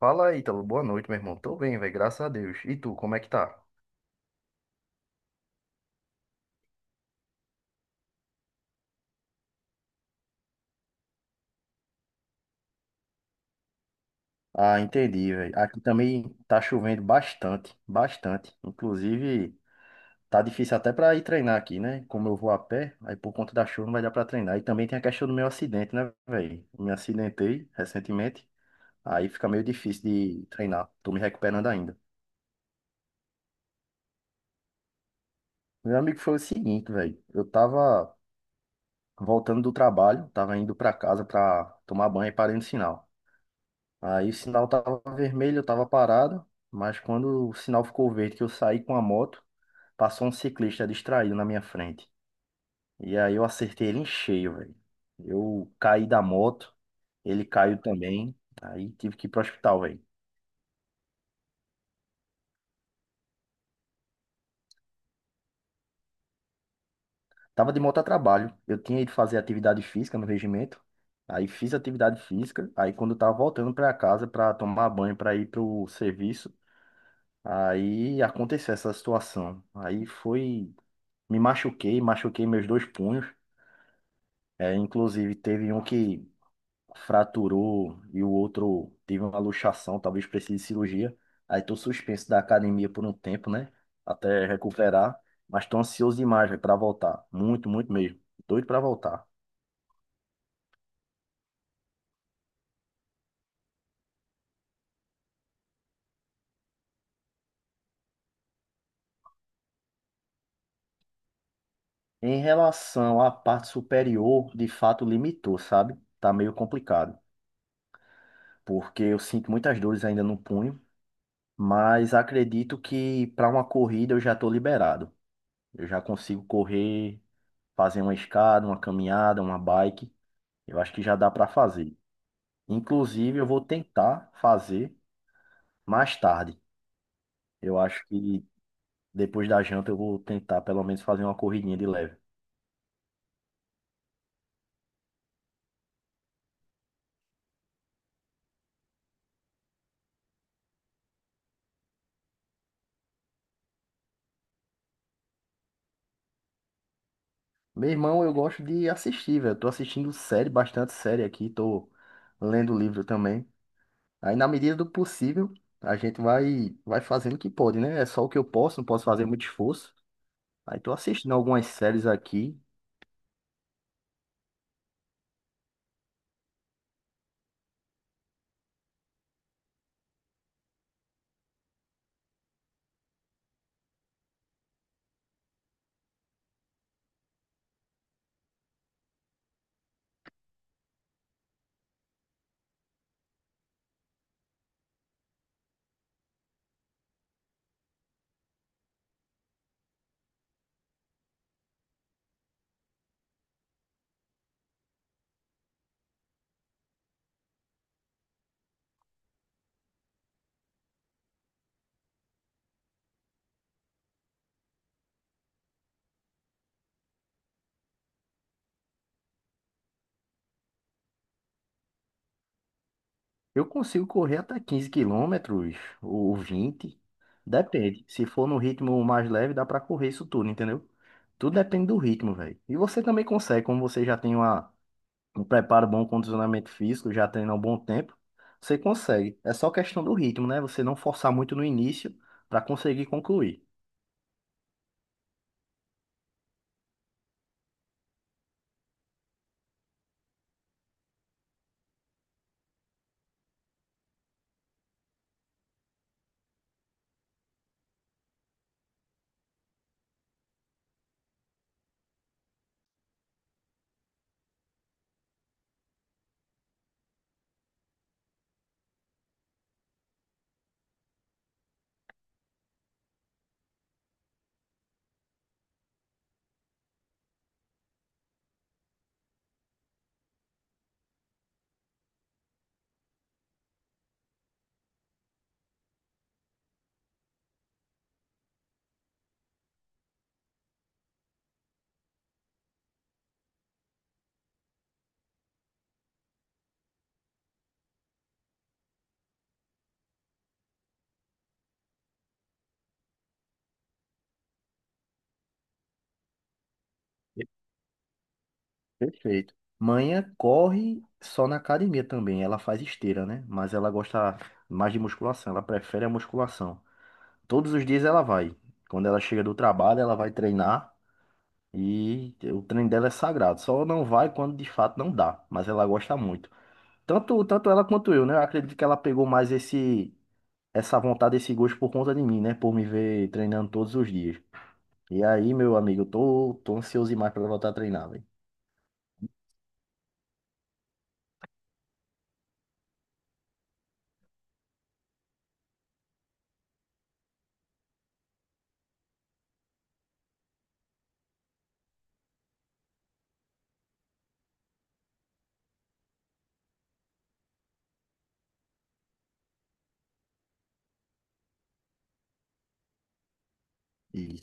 Fala aí, Ítalo. Boa noite, meu irmão. Tô bem, velho. Graças a Deus. E tu, como é que tá? Ah, entendi, velho. Aqui também tá chovendo bastante, bastante. Inclusive, tá difícil até pra ir treinar aqui, né? Como eu vou a pé, aí por conta da chuva não vai dar pra treinar. E também tem a questão do meu acidente, né, velho? Me acidentei recentemente, aí fica meio difícil de treinar. Tô me recuperando ainda. Meu amigo, foi o seguinte, velho. Eu tava voltando do trabalho, tava indo pra casa pra tomar banho e parei no sinal. Aí o sinal tava vermelho, eu tava parado, mas quando o sinal ficou verde, que eu saí com a moto, passou um ciclista distraído na minha frente. E aí eu acertei ele em cheio, velho. Eu caí da moto, ele caiu também, aí tive que ir pro hospital, velho. Tava de moto a trabalho, eu tinha ido fazer atividade física no regimento, aí fiz atividade física, aí quando eu tava voltando pra casa pra tomar banho, pra ir pro serviço, aí aconteceu essa situação. Aí foi. Me machuquei, machuquei meus dois punhos. É, inclusive, teve um que fraturou e o outro teve uma luxação, talvez precise de cirurgia. Aí tô suspenso da academia por um tempo, né? Até recuperar. Mas tô ansioso demais para voltar. Muito, muito mesmo. Doido para voltar. Em relação à parte superior, de fato limitou, sabe? Tá meio complicado, porque eu sinto muitas dores ainda no punho, mas acredito que para uma corrida eu já tô liberado. Eu já consigo correr, fazer uma escada, uma caminhada, uma bike. Eu acho que já dá para fazer. Inclusive, eu vou tentar fazer mais tarde. Eu acho que depois da janta eu vou tentar pelo menos fazer uma corridinha de leve. Meu irmão, eu gosto de assistir, velho. Tô assistindo série, bastante série aqui, tô lendo livro também. Aí na medida do possível, a gente vai fazendo o que pode, né? É só o que eu posso, não posso fazer muito esforço. Aí tô assistindo algumas séries aqui. Eu consigo correr até 15 quilômetros ou 20. Depende. Se for no ritmo mais leve, dá pra correr isso tudo, entendeu? Tudo depende do ritmo, velho. E você também consegue, como você já tem uma, um preparo bom, um condicionamento físico, já treina há um bom tempo, você consegue. É só questão do ritmo, né? Você não forçar muito no início pra conseguir concluir. Perfeito. Manhã corre só na academia também. Ela faz esteira, né? Mas ela gosta mais de musculação. Ela prefere a musculação. Todos os dias ela vai. Quando ela chega do trabalho, ela vai treinar e o treino dela é sagrado. Só não vai quando de fato não dá, mas ela gosta muito. Tanto, tanto ela quanto eu, né? Eu acredito que ela pegou mais esse essa vontade, esse gosto por conta de mim, né? Por me ver treinando todos os dias. E aí, meu amigo, eu tô ansioso demais pra ela voltar a treinar, velho.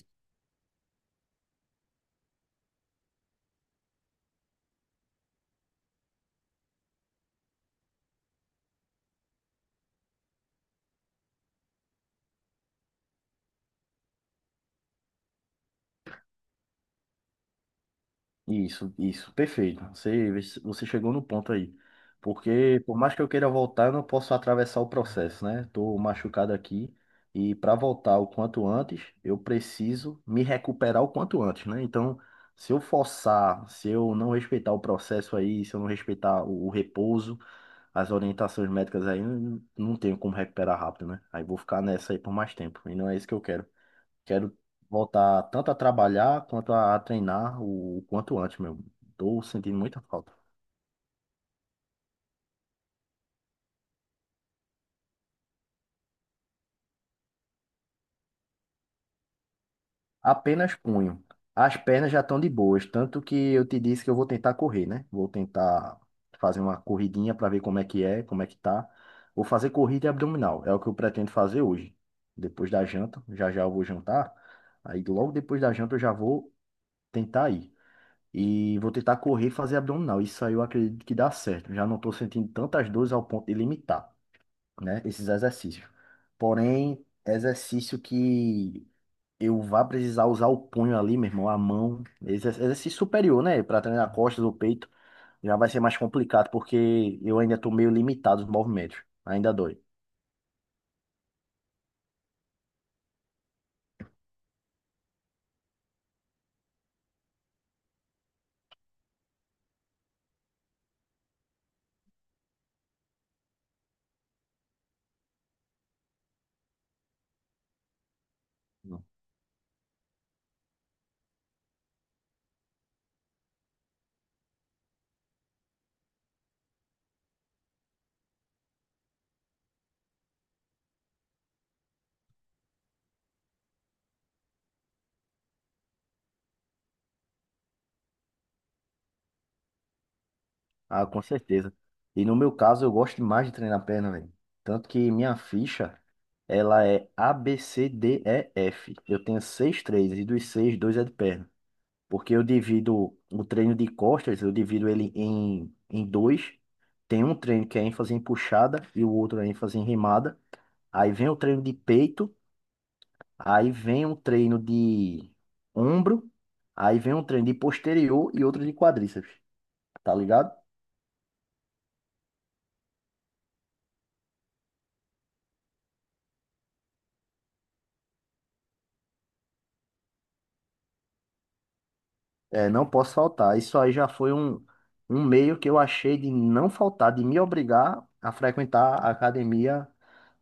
Isso, perfeito. Você chegou no ponto aí. Porque, por mais que eu queira voltar, eu não posso atravessar o processo, né? Tô machucado aqui. E para voltar o quanto antes, eu preciso me recuperar o quanto antes, né? Então, se eu forçar, se eu não respeitar o processo aí, se eu não respeitar o repouso, as orientações médicas aí, não tenho como recuperar rápido, né? Aí vou ficar nessa aí por mais tempo. E não é isso que eu quero. Quero voltar tanto a trabalhar quanto a treinar o quanto antes, meu. Tô sentindo muita falta. Apenas punho. As pernas já estão de boas, tanto que eu te disse que eu vou tentar correr, né? Vou tentar fazer uma corridinha para ver como é que é, como é que tá. Vou fazer corrida e abdominal, é o que eu pretendo fazer hoje. Depois da janta, já já eu vou jantar. Aí logo depois da janta eu já vou tentar ir. E vou tentar correr e fazer abdominal. Isso aí eu acredito que dá certo. Já não tô sentindo tantas dores ao ponto de limitar, né? Esses exercícios. Porém, exercício que eu vá precisar usar o punho ali, meu irmão, a mão, esse exercício superior, né? Para treinar costas ou peito, já vai ser mais complicado, porque eu ainda tô meio limitado os movimentos. Ainda dói. Ah, com certeza. E no meu caso, eu gosto demais de treinar perna, velho. Tanto que minha ficha, ela é A, B, C, D, E, F. Eu tenho seis, três, e dos seis, dois é de perna. Porque eu divido o treino de costas, eu divido ele em dois. Tem um treino que é ênfase em puxada e o outro é ênfase em remada. Aí vem o treino de peito, aí vem um treino de ombro, aí vem um treino de posterior e outro de quadríceps, tá ligado? É, não posso faltar. Isso aí já foi um meio que eu achei de não faltar, de me obrigar a frequentar a academia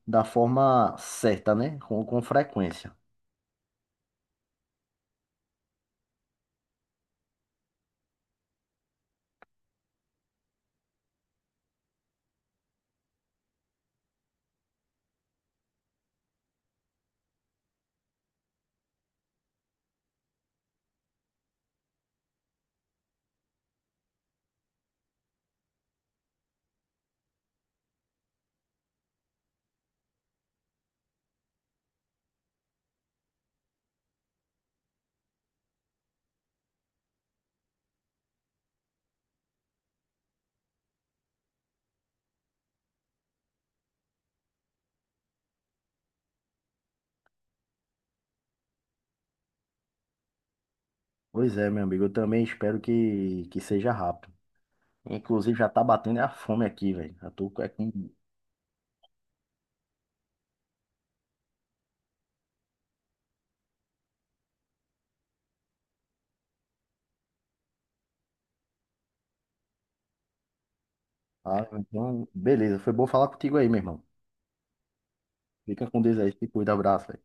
da forma certa, né? Com frequência. Pois é, meu amigo, eu também espero que seja rápido. Inclusive, já tá batendo a fome aqui, velho. Já tô é com. Ah, então, beleza. Foi bom falar contigo aí, meu irmão. Fica com Deus aí, se cuida, abraço, velho.